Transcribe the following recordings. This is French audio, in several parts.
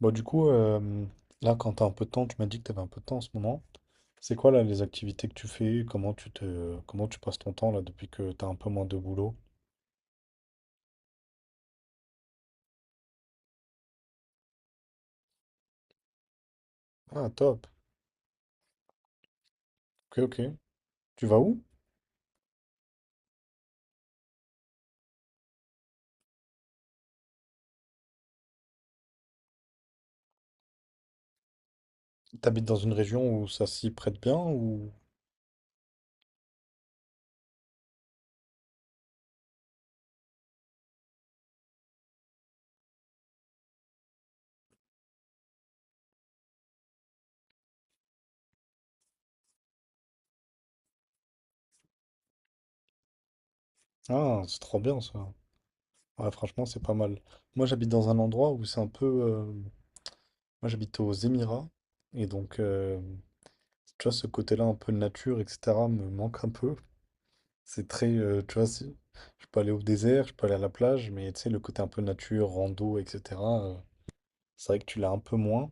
Bon, du coup, là, quand tu as un peu de temps, tu m'as dit que tu avais un peu de temps en ce moment. C'est quoi, là, les activités que tu fais? Comment comment tu passes ton temps, là, depuis que tu as un peu moins de boulot? Ah, top. Ok, ok. Tu vas où? T'habites dans une région où ça s'y prête bien ou... Ah, c'est trop bien, ça. Ouais, franchement, c'est pas mal. Moi, j'habite dans un endroit où c'est un peu... Moi, j'habite aux Émirats. Et donc, tu vois, ce côté-là, un peu nature, etc., me manque un peu. C'est très, tu vois, je peux aller au désert, je peux aller à la plage, mais tu sais, le côté un peu nature, rando, etc., c'est vrai que tu l'as un peu moins.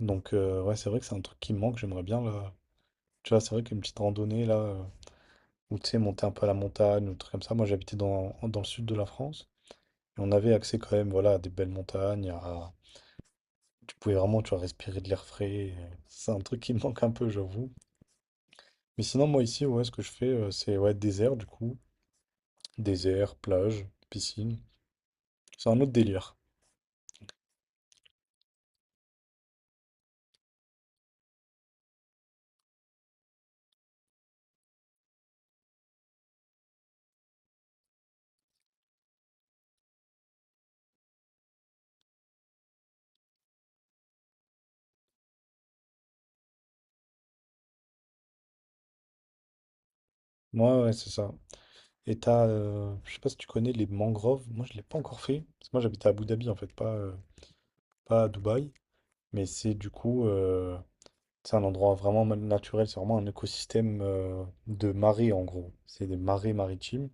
Donc, ouais, c'est vrai que c'est un truc qui me manque, j'aimerais bien, là. Tu vois, c'est vrai qu'une petite randonnée, là, ou tu sais, monter un peu à la montagne, ou un truc comme ça. Moi, j'habitais dans le sud de la France, et on avait accès quand même, voilà, à des belles montagnes, tu pouvais vraiment, tu vois, respirer de l'air frais, et c'est un truc qui me manque un peu, j'avoue. Mais sinon, moi, ici, ouais, ce que je fais, c'est, ouais, désert, du coup. Désert, plage, piscine. C'est un autre délire. Moi, ouais, c'est ça. Et t'as, je sais pas si tu connais les mangroves. Moi, je l'ai pas encore fait. Parce que moi, j'habite à Abu Dhabi, en fait, pas à Dubaï. Mais c'est du coup, c'est un endroit vraiment naturel. C'est vraiment un écosystème de marée, en gros. C'est des marées maritimes.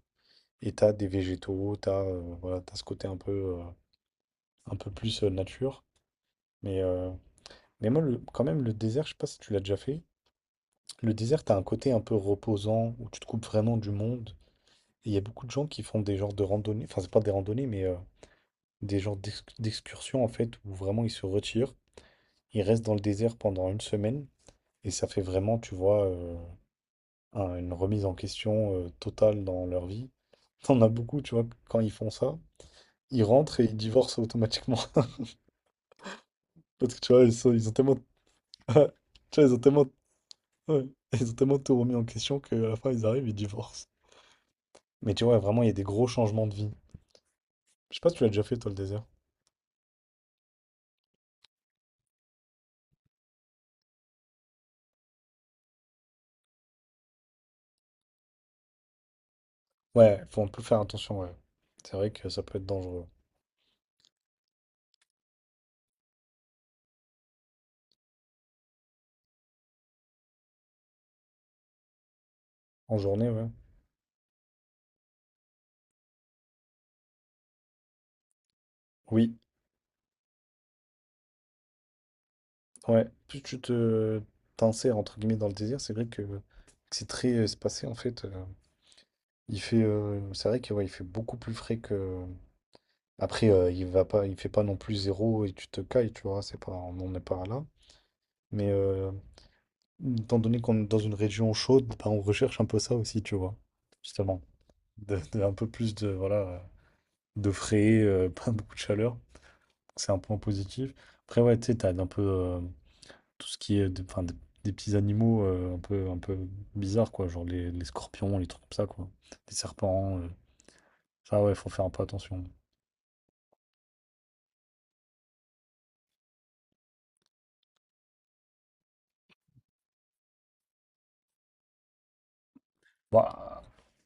Et t'as des végétaux, t'as voilà, t'as ce côté euh, un peu plus nature. Mais euh, Mais moi, quand même, le désert, je sais pas si tu l'as déjà fait. Le désert, t'as un côté un peu reposant où tu te coupes vraiment du monde. Et il y a beaucoup de gens qui font des genres de randonnées, enfin, c'est pas des randonnées, mais des genres d'excursions en fait, où vraiment ils se retirent, ils restent dans le désert pendant une semaine et ça fait vraiment, tu vois, une remise en question totale dans leur vie. T'en as beaucoup, tu vois, quand ils font ça, ils rentrent et ils divorcent automatiquement. Parce que tu vois, ils ont tellement, tu vois, ils ont tellement. Ouais. Ils ont tellement tout remis en question qu'à la fin, ils arrivent, ils divorcent. Mais tu vois, vraiment, il y a des gros changements de vie. Je sais pas si tu l'as déjà fait, toi, le désert. Ouais, faut un peu faire attention, ouais. C'est vrai que ça peut être dangereux. En journée, ouais. Oui, ouais. Plus tu te t'insères, entre guillemets, dans le désert, c'est vrai que c'est très espacé, en fait. Il fait, c'est vrai que, ouais, il fait beaucoup plus frais que... Après, il fait pas non plus zéro et tu te cailles, tu vois, c'est pas, on n'en est pas là. Mais euh, Étant donné qu'on est dans une région chaude, bah, on recherche un peu ça aussi, tu vois, justement. Un peu plus de, voilà, de frais, pas beaucoup de chaleur. C'est un point positif. Après, ouais, tu sais, t'as un peu tout ce qui est enfin, des petits animaux un peu bizarres, quoi, genre les scorpions, les trucs comme ça, quoi. Les serpents, ça, ouais, faut faire un peu attention. Bah,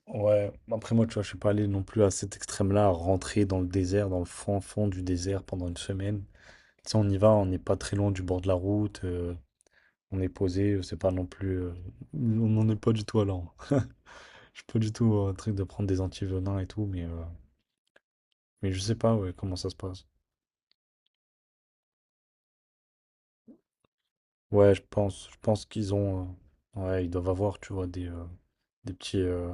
ouais, après, moi, tu vois, je suis pas allé non plus à cet extrême-là, à rentrer dans le désert, dans le fond du désert pendant une semaine. Si on y va, on n'est pas très loin du bord de la route, on est posé, c'est pas non plus. On n'en est pas du tout à là. Je suis pas du tout un truc de prendre des antivenins et tout, mais je sais pas ouais, comment ça se passe. Ouais, je pense qu'ils ont. Ouais, ils doivent avoir, tu vois, des petits, euh,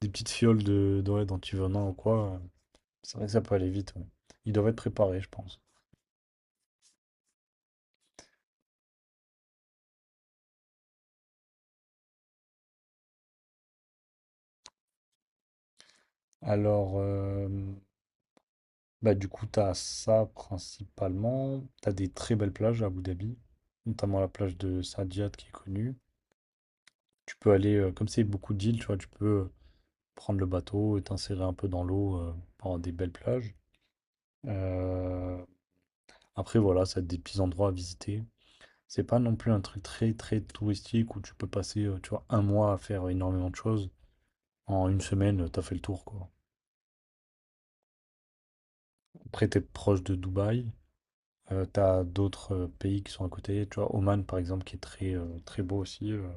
des petites fioles de, ouais, d'antivenins ou quoi. C'est vrai que ça peut aller vite. Ouais. Ils doivent être préparés, je pense. Alors, bah, du coup, t'as ça principalement. T'as des très belles plages à Abu Dhabi, notamment la plage de Saadiyat qui est connue. Tu peux aller, comme c'est beaucoup d'îles, tu vois, tu peux prendre le bateau et t'insérer un peu dans l'eau par des belles plages. Euh, Après, voilà, ça a des petits endroits à visiter. C'est pas non plus un truc très très touristique où tu peux passer, tu vois, un mois à faire énormément de choses. En une semaine, t'as fait le tour, quoi. Après, t'es proche de Dubaï. T'as d'autres pays qui sont à côté, tu vois, Oman par exemple qui est très beau aussi,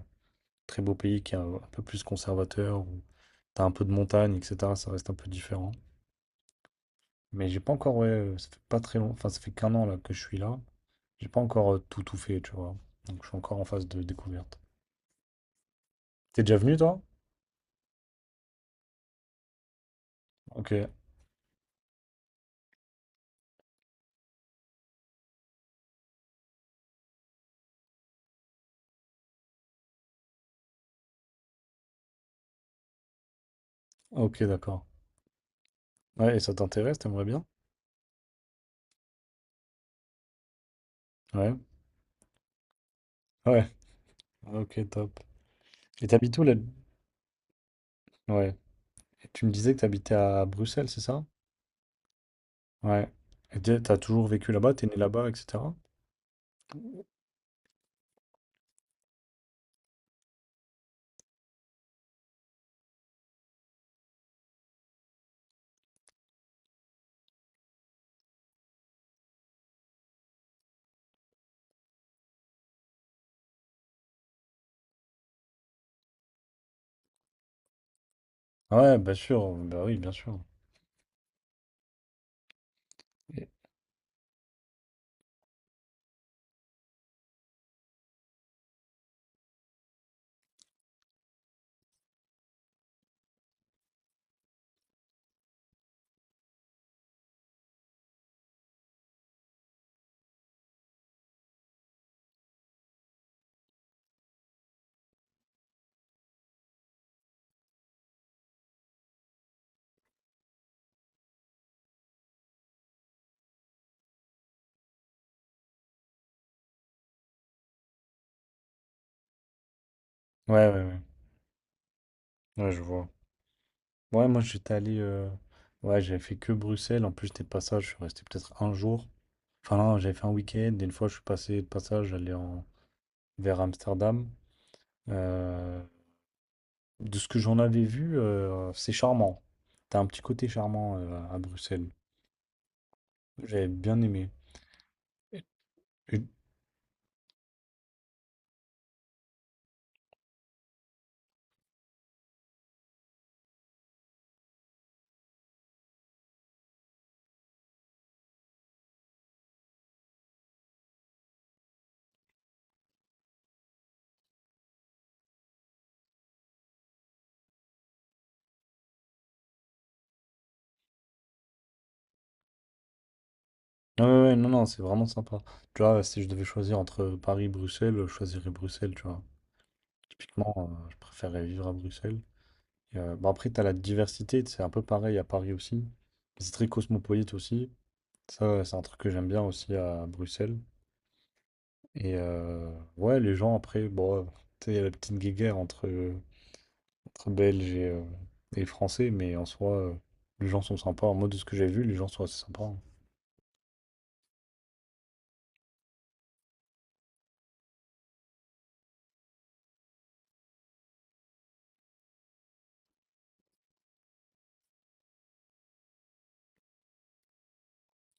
très beau pays qui est un peu plus conservateur, où t'as un peu de montagne, etc. Ça reste un peu différent. Mais j'ai pas encore, ouais, ça fait pas très long, enfin ça fait qu'un an là que je suis là, j'ai pas encore tout tout fait, tu vois. Donc je suis encore en phase de découverte. T'es déjà venu toi? Ok, ok, d'accord. Ouais, et ça t'intéresse, t'aimerais bien? Ouais, ouais, ok, top. Et t'habites où là? Ouais. Et tu me disais que t'habitais à Bruxelles, c'est ça? Ouais. Et t'as toujours vécu là-bas, t'es né là-bas, etc. Ouais, bien sûr, bah oui, bien sûr. Et- Ouais, ouais, ouais. Ouais, je vois. Ouais, moi j'étais allé. Ouais, j'avais fait que Bruxelles. En plus, j'étais de passage, je suis resté peut-être un jour. Enfin, non, j'avais fait un week-end. Et une fois, je suis passé de passage, j'allais en... vers Amsterdam. Euh, De ce que j'en avais vu, c'est charmant. T'as un petit côté charmant à Bruxelles. J'avais bien aimé. Et- Ouais, ouais, ouais, non, non, c'est vraiment sympa. Tu vois, si je devais choisir entre Paris et Bruxelles, je choisirais Bruxelles, tu vois. Typiquement, je préférerais vivre à Bruxelles. Et, bon, après, t'as la diversité, c'est un peu pareil à Paris aussi. C'est très cosmopolite aussi. Ça, c'est un truc que j'aime bien aussi à Bruxelles. Et ouais, les gens, après, bon, tu sais, il y a la petite guéguerre entre Belges et Français, mais en soi, les gens sont sympas. Moi, de ce que j'ai vu, les gens sont assez sympas, hein.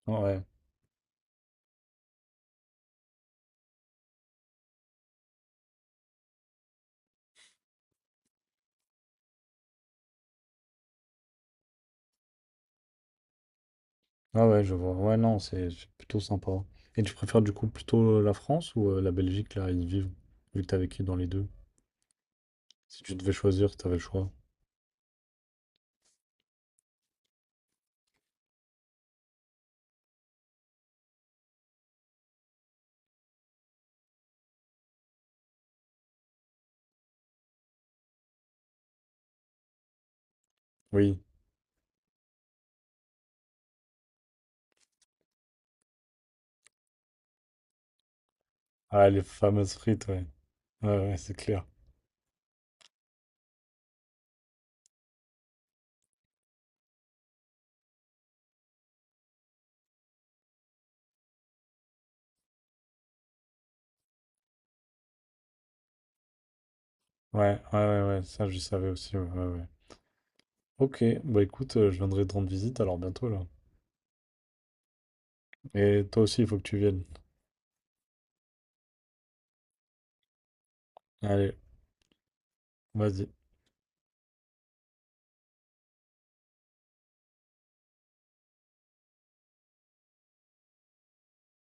Ouais, ouais. Ah ouais, je vois. Ouais, non, c'est plutôt sympa. Et tu préfères du coup plutôt la France ou la Belgique, là, ils vivent, vu que t'as vécu dans les deux? Si tu devais choisir, si t'avais le choix. Oui. Ah, les fameuses frites, ouais. Ouais, ouais, c'est clair. Ouais, ouais, ouais, ouais, ça, je savais aussi, ouais, ouais, ouais. Ok, bah écoute, je viendrai te rendre visite alors bientôt, là. Et toi aussi, il faut que tu viennes. Allez, vas-y.